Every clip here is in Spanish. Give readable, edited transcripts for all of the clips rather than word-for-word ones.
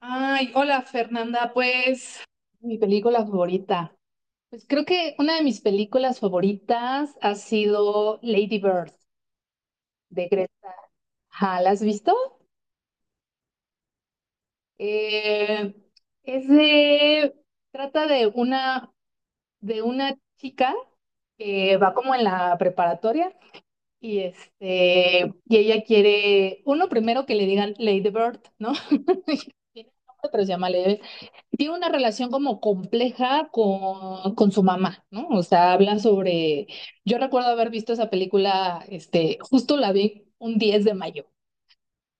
Ay, hola Fernanda, pues mi película favorita. Pues creo que una de mis películas favoritas ha sido Lady Bird de Greta. Ajá, ¿la has visto? Eh, es de, trata de una, chica que va como en la preparatoria. Y ella quiere, uno primero que le digan Lady Bird, ¿no? Tiene un nombre, pero se llama Lady. Tiene una relación como compleja con su mamá, ¿no? O sea, habla sobre. Yo recuerdo haber visto esa película, justo la vi un 10 de mayo.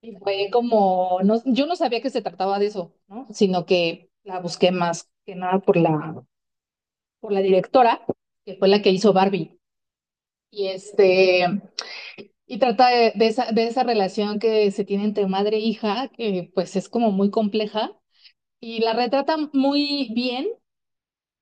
Y fue como, no, yo no sabía que se trataba de eso, ¿no? Sino que la busqué más que nada por la directora, que fue la que hizo Barbie. Y este. Y trata de, de esa relación que se tiene entre madre e hija, que pues es como muy compleja, y la retrata muy bien,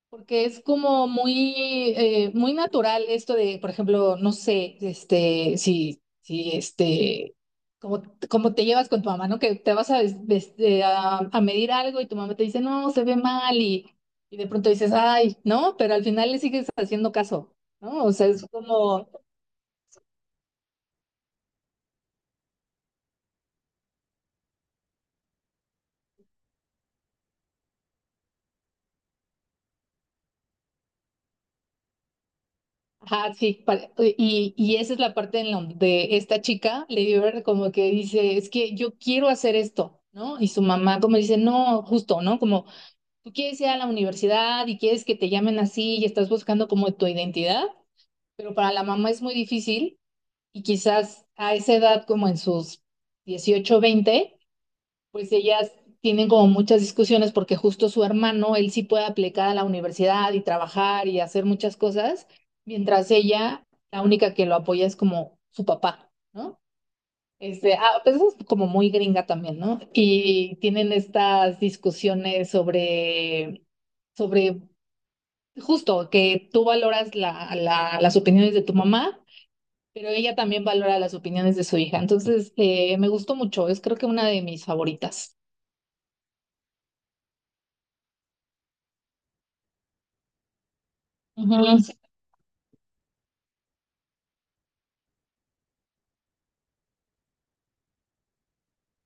porque es como muy natural esto de, por ejemplo, no sé, si, como, te llevas con tu mamá, ¿no? Que te vas a, des- des- a medir algo y tu mamá te dice, no, se ve mal, y, de pronto dices, ay, ¿no? Pero al final le sigues haciendo caso, ¿no? O sea, es como... Ajá, sí, y, esa es la parte de esta chica, Lady Bird, como que dice, es que yo quiero hacer esto, ¿no? Y su mamá como dice, no, justo, ¿no? Como tú quieres ir a la universidad y quieres que te llamen así y estás buscando como tu identidad, pero para la mamá es muy difícil y quizás a esa edad, como en sus 18, 20, pues ellas tienen como muchas discusiones porque justo su hermano, él sí puede aplicar a la universidad y trabajar y hacer muchas cosas, mientras ella, la única que lo apoya es como su papá, ¿no? Pues eso es como muy gringa también, ¿no? Y tienen estas discusiones sobre justo que tú valoras las opiniones de tu mamá, pero ella también valora las opiniones de su hija. Entonces, me gustó mucho, es creo que una de mis favoritas. Ujú.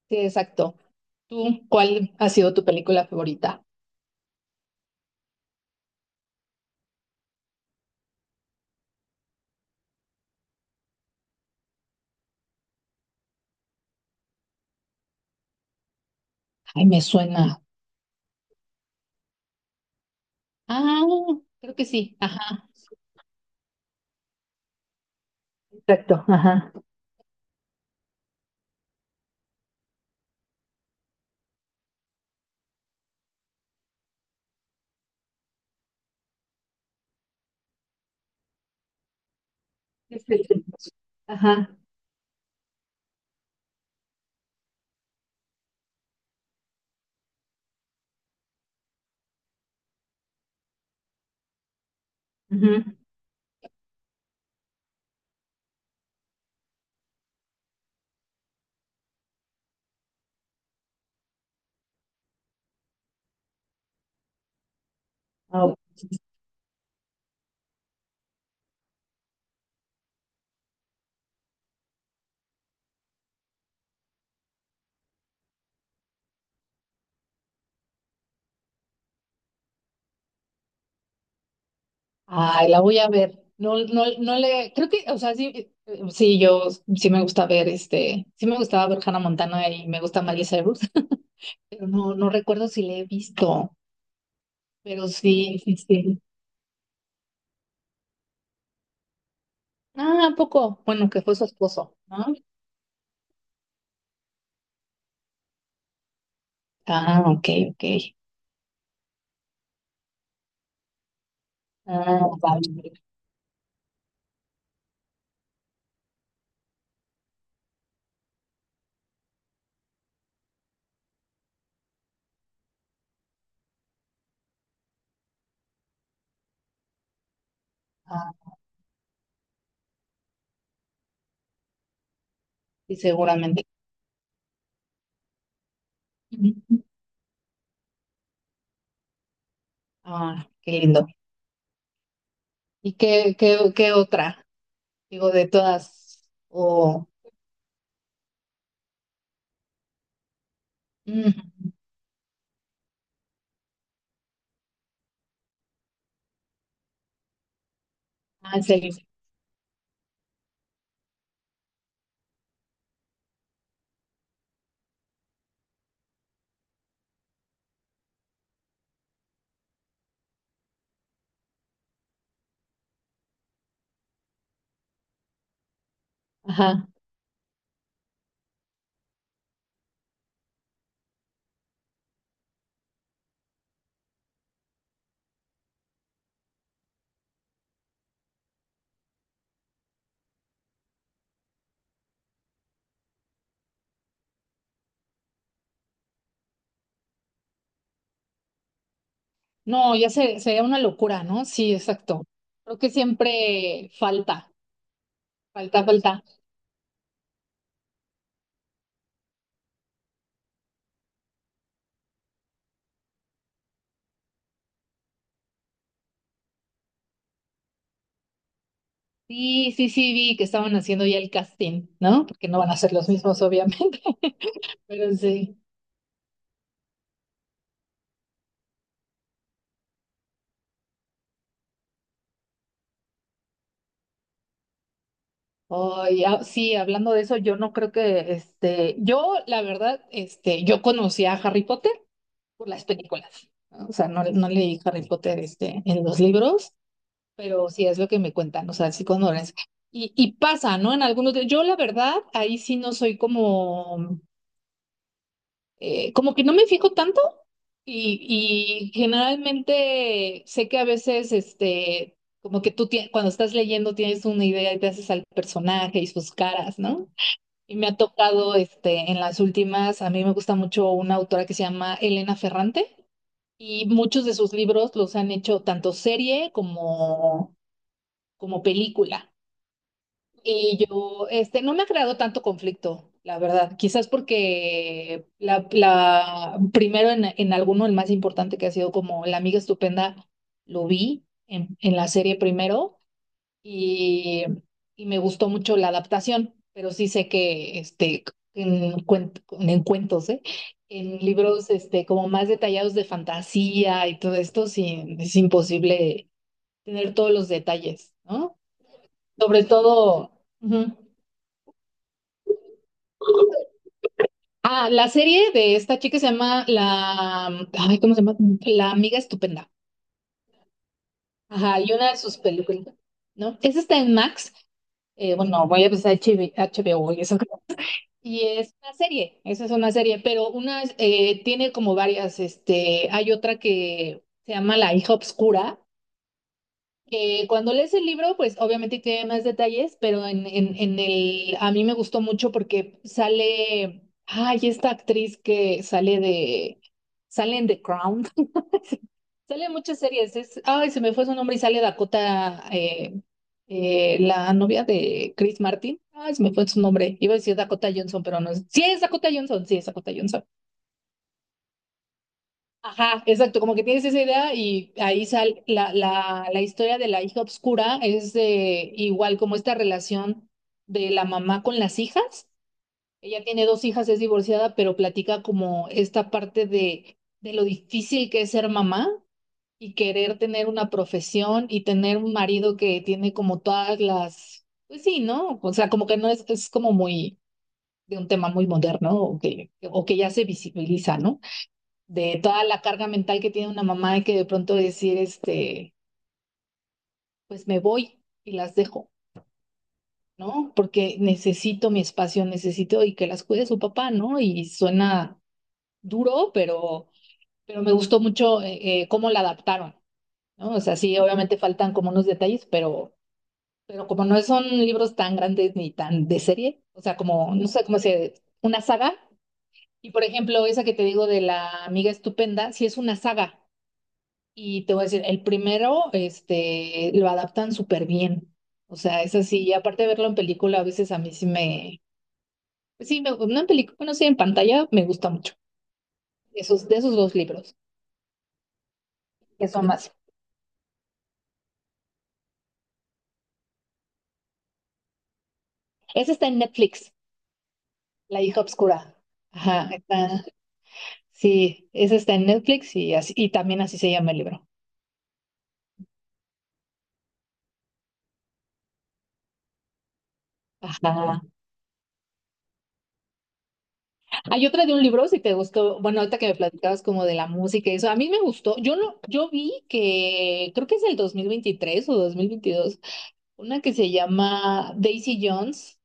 Sí, exacto. ¿Tú cuál ha sido tu película favorita? Ay, me suena. Ah, creo que sí. Ajá. Exacto. Ajá. Sí, sí, sí. Ajá. Ujú. Ah. Ay, la voy a ver. No, no, no le, creo que, o sea, sí, sí, yo sí me gusta ver sí me gustaba ver Hannah Montana y me gusta Miley Cyrus. Pero no, no recuerdo si le he visto, pero sí, sí, sí. Ah, ¿a poco? Bueno, que fue su esposo, ¿no? Ah, ok, ok. Ah, vale. Ah, y seguramente. Ah, qué lindo. ¿Y qué, qué otra? Digo, de todas, o... Mm, ah, en serio. Ajá. No, ya se, sería una locura, ¿no? Sí, exacto. Creo que siempre falta, falta, falta. Sí, sí, sí, vi que estaban haciendo ya el casting, ¿no? Porque no van a ser los mismos, obviamente, pero sí. Ay, ah, sí, hablando de eso, yo no creo que, yo, la verdad, yo conocí a Harry Potter por las películas, ¿no? O sea, no, no leí Harry Potter en los libros, pero sí es lo que me cuentan, o sea, sí cuando y, pasa, ¿no? En algunos de... Yo, la verdad, ahí sí no soy como... como que no me fijo tanto y, generalmente sé que a veces, como que tú cuando estás leyendo tienes una idea y te haces al personaje y sus caras, ¿no? Y me ha tocado, en las últimas, a mí me gusta mucho una autora que se llama Elena Ferrante, y muchos de sus libros los han hecho tanto serie como, película. Y yo, no me ha creado tanto conflicto, la verdad. Quizás porque primero en, alguno, el más importante que ha sido como La Amiga Estupenda, lo vi en, la serie primero, y, me gustó mucho la adaptación, pero sí sé que en, en cuentos, ¿eh? En libros, como más detallados de fantasía y todo esto, sí, es imposible tener todos los detalles, ¿no? Sobre todo... Ujú. Ah, la serie de esta chica se llama la... Ay, ¿cómo se llama? La Amiga Estupenda. Ajá, y una de sus películas, ¿no? Esa está en Max. Bueno, voy a empezar H B O y eso. Y es una serie, esa es una serie, pero una tiene como varias, hay otra que se llama La Hija Obscura, que cuando lees el libro, pues obviamente tiene más detalles, pero en el, a mí me gustó mucho porque sale, ay, esta actriz que sale de, sale en The Crown. Sale en muchas series. Es, ay, se me fue su nombre y sale Dakota, la novia de Chris Martin. Ay, se me fue su nombre. Iba a decir Dakota Johnson, pero no es. Sí, es Dakota Johnson, sí, es Dakota Johnson. Ajá, exacto. Como que tienes esa idea y ahí sale la historia de la hija obscura. Es igual como esta relación de la mamá con las hijas. Ella tiene dos hijas, es divorciada, pero platica como esta parte de lo difícil que es ser mamá y querer tener una profesión y tener un marido que tiene como todas las, pues sí, ¿no? O sea, como que no es, es como muy de un tema muy moderno o que, ya se visibiliza, ¿no? De toda la carga mental que tiene una mamá y que de pronto decir, pues me voy y las dejo, ¿no? Porque necesito mi espacio, necesito y que las cuide su papá, ¿no? Y suena duro, pero me gustó mucho cómo la adaptaron, ¿no? O sea, sí, obviamente faltan como unos detalles, pero... Pero como no son libros tan grandes ni tan de serie, o sea, como, no sé cómo se, una saga. Y por ejemplo, esa que te digo de La Amiga Estupenda, sí es una saga. Y te voy a decir, el primero, lo adaptan súper bien. O sea, es así. Y aparte de verlo en película, a veces a mí sí me, pues sí, me, no en película, bueno, sí, en pantalla me gusta mucho. Esos, de esos dos libros, que son más. Ese está en Netflix, La Hija Oscura. Ajá, está. Sí, ese está en Netflix, y así, y también así se llama el libro. Ajá. Hay otra de un libro, si te gustó, bueno, ahorita que me platicabas como de la música y eso, a mí me gustó, yo no, yo vi que creo que es el 2023 o 2022, una que se llama Daisy Jones,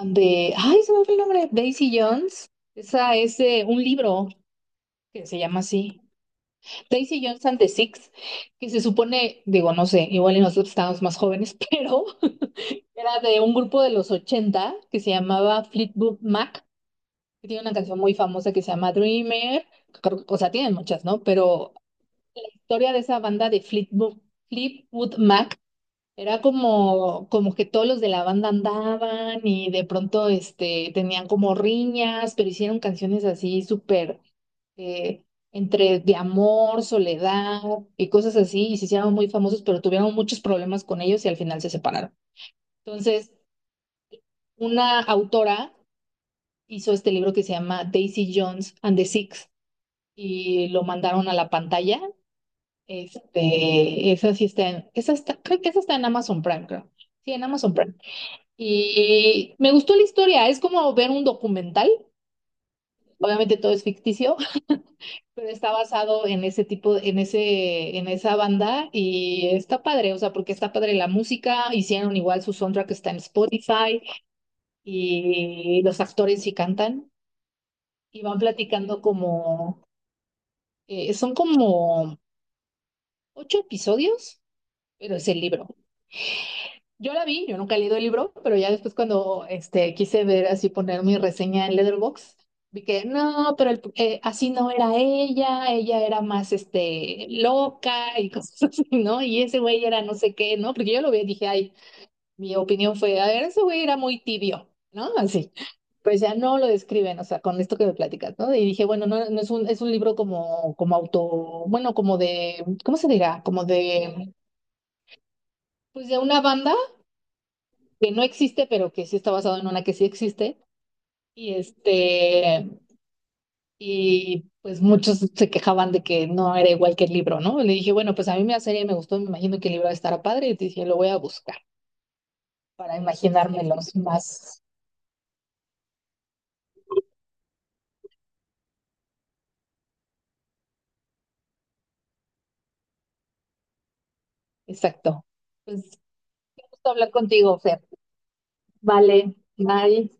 ay, se me fue el nombre, Daisy Jones, esa es un libro que se llama así, Daisy Jones and the Six, que se supone, digo, no sé, igual y nosotros estábamos más jóvenes, pero era de un grupo de los 80 que se llamaba Fleetwood Mac. Tiene una canción muy famosa que se llama Dreamer. O sea, tienen muchas, ¿no? Pero la historia de esa banda de Fleetwood Mac era como, como que todos los de la banda andaban y de pronto tenían como riñas, pero hicieron canciones así súper eh, entre de amor, soledad y cosas así. Y se hicieron muy famosos, pero tuvieron muchos problemas con ellos y al final se separaron. Entonces, una autora hizo este libro que se llama Daisy Jones and the Six y lo mandaron a la pantalla. Esa sí está en, esa está, creo que esa está en Amazon Prime, creo. Sí, en Amazon Prime. Y me gustó la historia, es como ver un documental. Obviamente todo es ficticio, pero está basado en ese tipo, en ese, en esa banda y está padre, o sea, porque está padre la música, hicieron igual su soundtrack está en Spotify, y los actores sí cantan y van platicando como, son como ocho episodios, pero es el libro. Yo la vi, yo nunca he leído el libro, pero ya después cuando quise ver así poner mi reseña en Letterboxd, vi que no, pero así no era ella, ella era más loca y cosas así, ¿no? Y ese güey era no sé qué, ¿no? Porque yo lo vi y dije, ay, mi opinión fue, a ver, ese güey era muy tibio, ¿no? Así, pues ya no lo describen, o sea, con esto que me platicas, ¿no? Y dije, bueno, no, no es un, es un libro como, como auto, bueno, como de, ¿cómo se dirá? Como de... Pues de una banda que no existe, pero que sí está basado en una que sí existe. Y este, y pues muchos se quejaban de que no era igual que el libro, ¿no? Le dije, bueno, pues a mí la serie me gustó, me imagino que el libro estará padre, y te dije, lo voy a buscar para imaginármelos más exacto. Pues, qué gusto hablar contigo, Fer. Vale, bye.